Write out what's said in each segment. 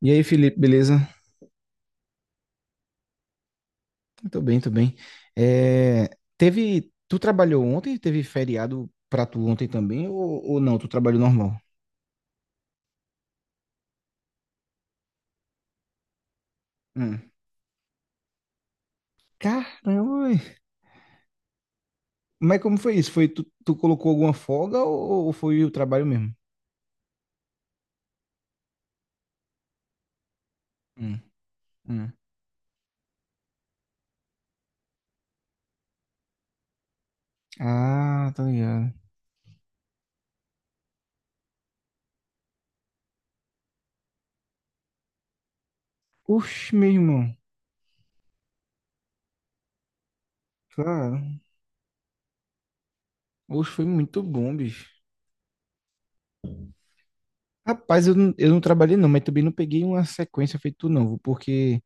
E aí, Felipe, beleza? Tô bem, tô bem. É, tu trabalhou ontem? Teve feriado pra tu ontem também? Ou não? Tu trabalhou normal? Hum. Caramba! Ué. Mas como foi isso? Foi tu colocou alguma folga ou foi o trabalho mesmo? Hum, hum. Ah, tá ligado. Oxe, meu irmão. Claro. Oxe, foi muito bom, bicho. Rapaz, eu não trabalhei não, mas também não peguei uma sequência feito tu não, porque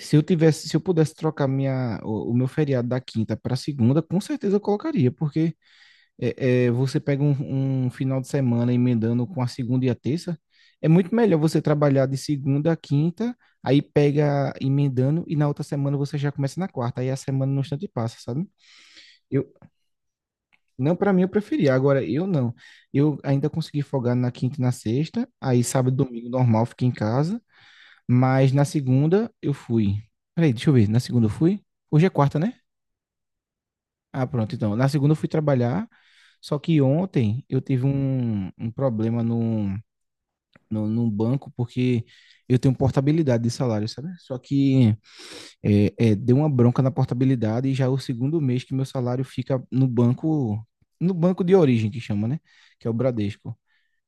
Se eu pudesse trocar o meu feriado da quinta para segunda, com certeza eu colocaria, porque você pega um final de semana emendando com a segunda e a terça, é muito melhor você trabalhar de segunda a quinta, aí pega emendando e na outra semana você já começa na quarta, aí a semana no instante passa, sabe? Eu, não, para mim eu preferia, agora eu não. Eu ainda consegui folgar na quinta e na sexta, aí sábado e domingo normal fica em casa. Mas na segunda eu fui. Peraí, deixa eu ver. Na segunda eu fui? Hoje é quarta, né? Ah, pronto, então. Na segunda eu fui trabalhar. Só que ontem eu tive um problema no, no, num banco, porque eu tenho portabilidade de salário, sabe? Só que deu uma bronca na portabilidade e já é o segundo mês que meu salário fica no banco de origem que chama, né? Que é o Bradesco.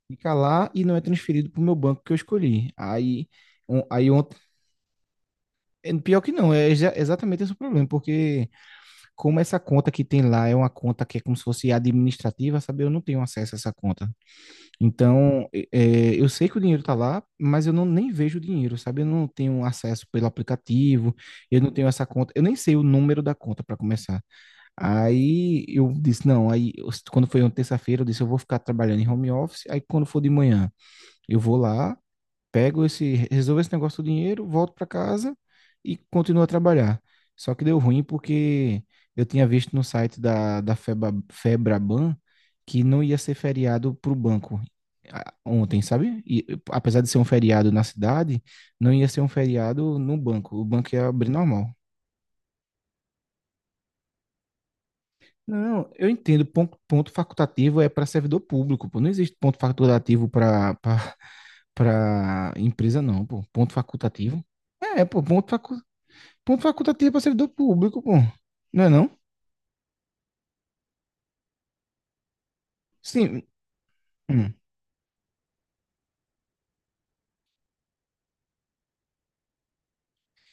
Fica lá e não é transferido para o meu banco que eu escolhi. Aí, é, pior que não, é exatamente esse o problema, porque como essa conta que tem lá é uma conta que é como se fosse administrativa, sabe? Eu não tenho acesso a essa conta. Então, eu sei que o dinheiro tá lá, mas eu não nem vejo o dinheiro, sabe? Eu não tenho acesso pelo aplicativo, eu não tenho essa conta, eu nem sei o número da conta para começar. Aí eu disse, não, quando foi uma terça-feira, eu disse, eu vou ficar trabalhando em home office, aí quando for de manhã, eu vou lá pego esse, resolvo esse negócio do dinheiro, volto para casa e continuo a trabalhar. Só que deu ruim porque eu tinha visto no site da Febraban que não ia ser feriado para o banco ontem, sabe? E apesar de ser um feriado na cidade, não ia ser um feriado no banco. O banco ia abrir normal. Não, eu entendo. Ponto facultativo é para servidor público, pô. Não existe ponto facultativo para empresa, não, pô. Ponto facultativo. É, pô, ponto facultativo é para servidor público, pô. Não é não? Sim. Hum.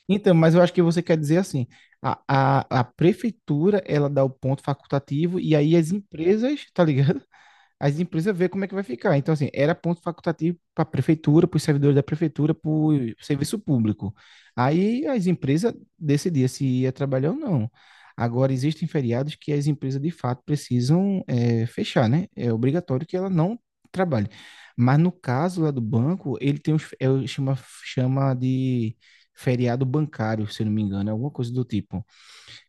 Então, mas eu acho que você quer dizer assim, a prefeitura, ela dá o ponto facultativo e aí as empresas, tá ligado? As empresas ver como é que vai ficar. Então, assim, era ponto facultativo para a prefeitura, para os servidores da prefeitura, para o serviço público. Aí as empresas decidiam se ia trabalhar ou não. Agora, existem feriados que as empresas, de fato, precisam fechar, né? É obrigatório que ela não trabalhe. Mas no caso lá do banco, ele tem chama de feriado bancário, se eu não me engano, é alguma coisa do tipo.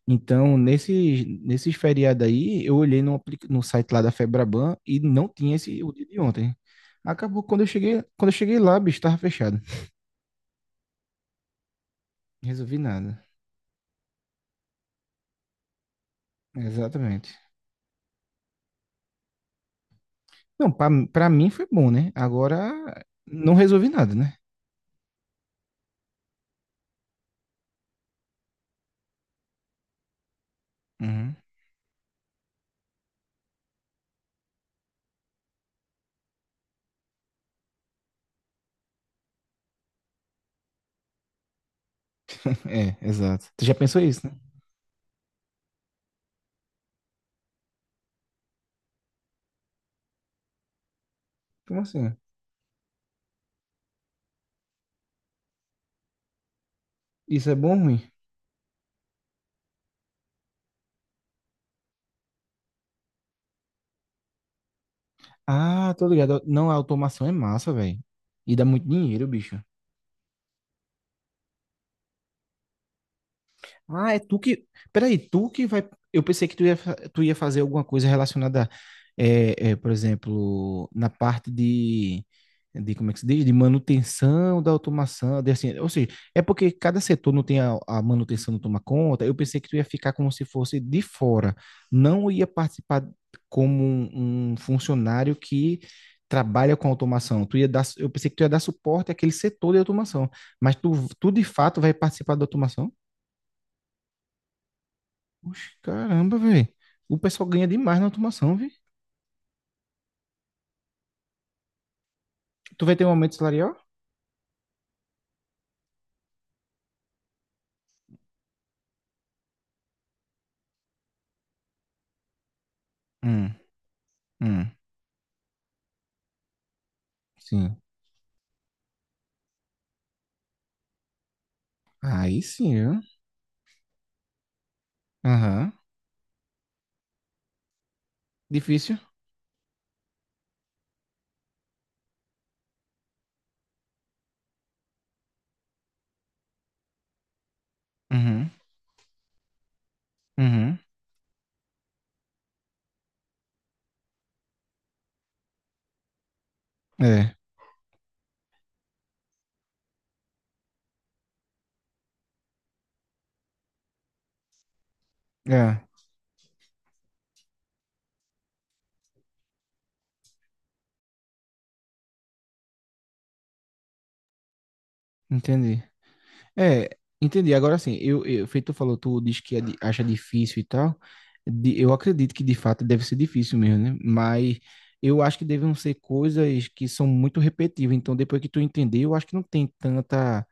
Então, nesses feriados aí, eu olhei no site lá da Febraban e não tinha esse o dia de ontem. Acabou quando eu cheguei lá, bicho, tava fechado. Resolvi nada. Exatamente. Não, pra mim foi bom, né? Agora não resolvi nada, né? Uhum. É, exato. Tu já pensou isso, né? Como assim? Isso é bom ou ruim? Ah, tô ligado. Não, a automação é massa, velho. E dá muito dinheiro, bicho. Ah, é tu que. Peraí, tu que vai. Eu pensei que tu ia fazer alguma coisa relacionada, por exemplo, na parte de, de. Como é que se diz? De manutenção da automação. De, assim, ou seja, é porque cada setor não tem a manutenção, não toma conta. Eu pensei que tu ia ficar como se fosse de fora. Não ia participar como um funcionário que trabalha com automação. Eu pensei que tu ia dar suporte àquele setor de automação. Mas tu de fato vai participar da automação? Oxe, caramba, velho. O pessoal ganha demais na automação, viu? Tu vai ter um aumento salarial? Hum, hum, sim. Aí sim, viu? Aham. Difícil? Uhum, uhum. É, é, entendi. É, entendi. Agora sim, feito tu falou, tu diz que é acha difícil e tal. Eu acredito que de fato deve ser difícil mesmo, né? Mas eu acho que devem ser coisas que são muito repetitivas. Então, depois que tu entender, eu acho que não tem tanta.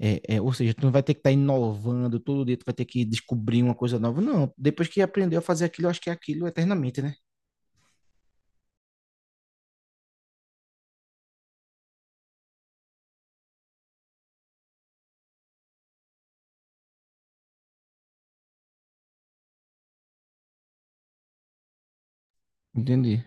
Ou seja, tu não vai ter que estar inovando todo dia, tu vai ter que descobrir uma coisa nova. Não, depois que aprendeu a fazer aquilo, eu acho que é aquilo eternamente, né? Entendi.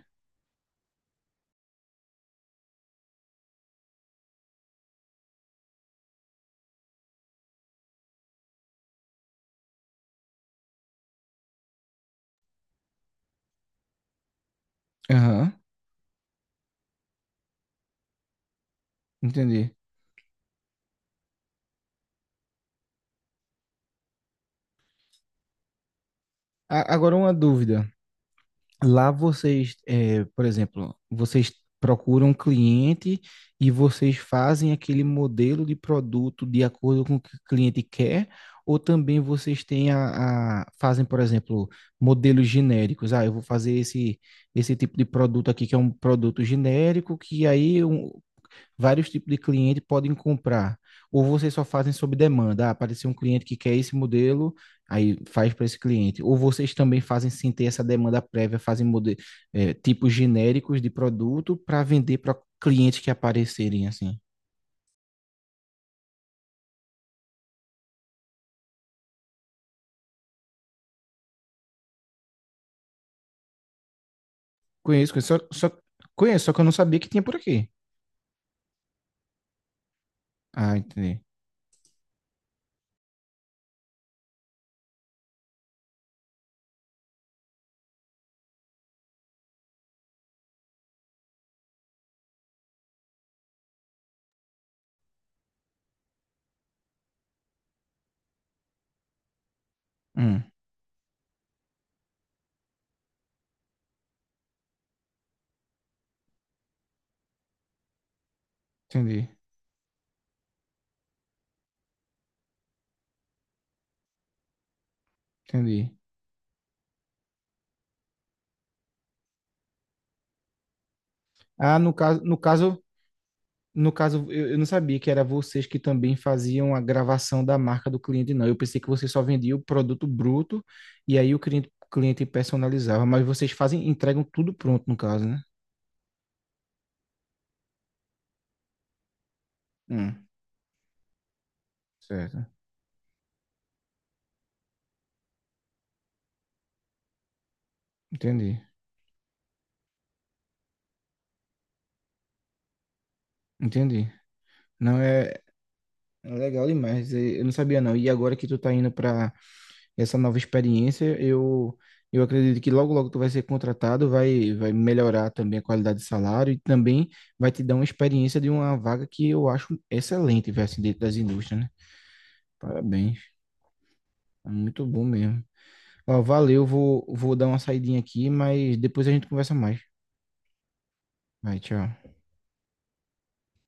Aham, entendi. Agora uma dúvida. Lá por exemplo, vocês procuram um cliente e vocês fazem aquele modelo de produto de acordo com o que o cliente quer, ou também vocês têm fazem, por exemplo, modelos genéricos. Ah, eu vou fazer esse tipo de produto aqui, que é um produto genérico, que aí vários tipos de cliente podem comprar. Ou vocês só fazem sob demanda. Ah, apareceu um cliente que quer esse modelo, aí faz para esse cliente. Ou vocês também fazem sem ter essa demanda prévia, fazem tipos genéricos de produto para vender para clientes que aparecerem assim. Conheço, conheço, só conheço, só que eu não sabia que tinha por aqui. Ah, entendi. Hum, entendi, entendi. Ah, no caso, no caso No caso, eu não sabia que era vocês que também faziam a gravação da marca do cliente, não. Eu pensei que você só vendia o produto bruto e aí cliente personalizava, mas vocês fazem, entregam tudo pronto, no caso, né? Hum, certo. Entendi. Entendi. Não é É legal demais. Eu não sabia, não. E agora que tu tá indo para essa nova experiência. Eu acredito que logo, logo tu vai ser contratado, vai melhorar também a qualidade de salário e também vai te dar uma experiência de uma vaga que eu acho excelente, velho, assim, dentro das indústrias, né? Parabéns. É muito bom mesmo. Ó, valeu, vou dar uma saidinha aqui, mas depois a gente conversa mais. Vai, tchau.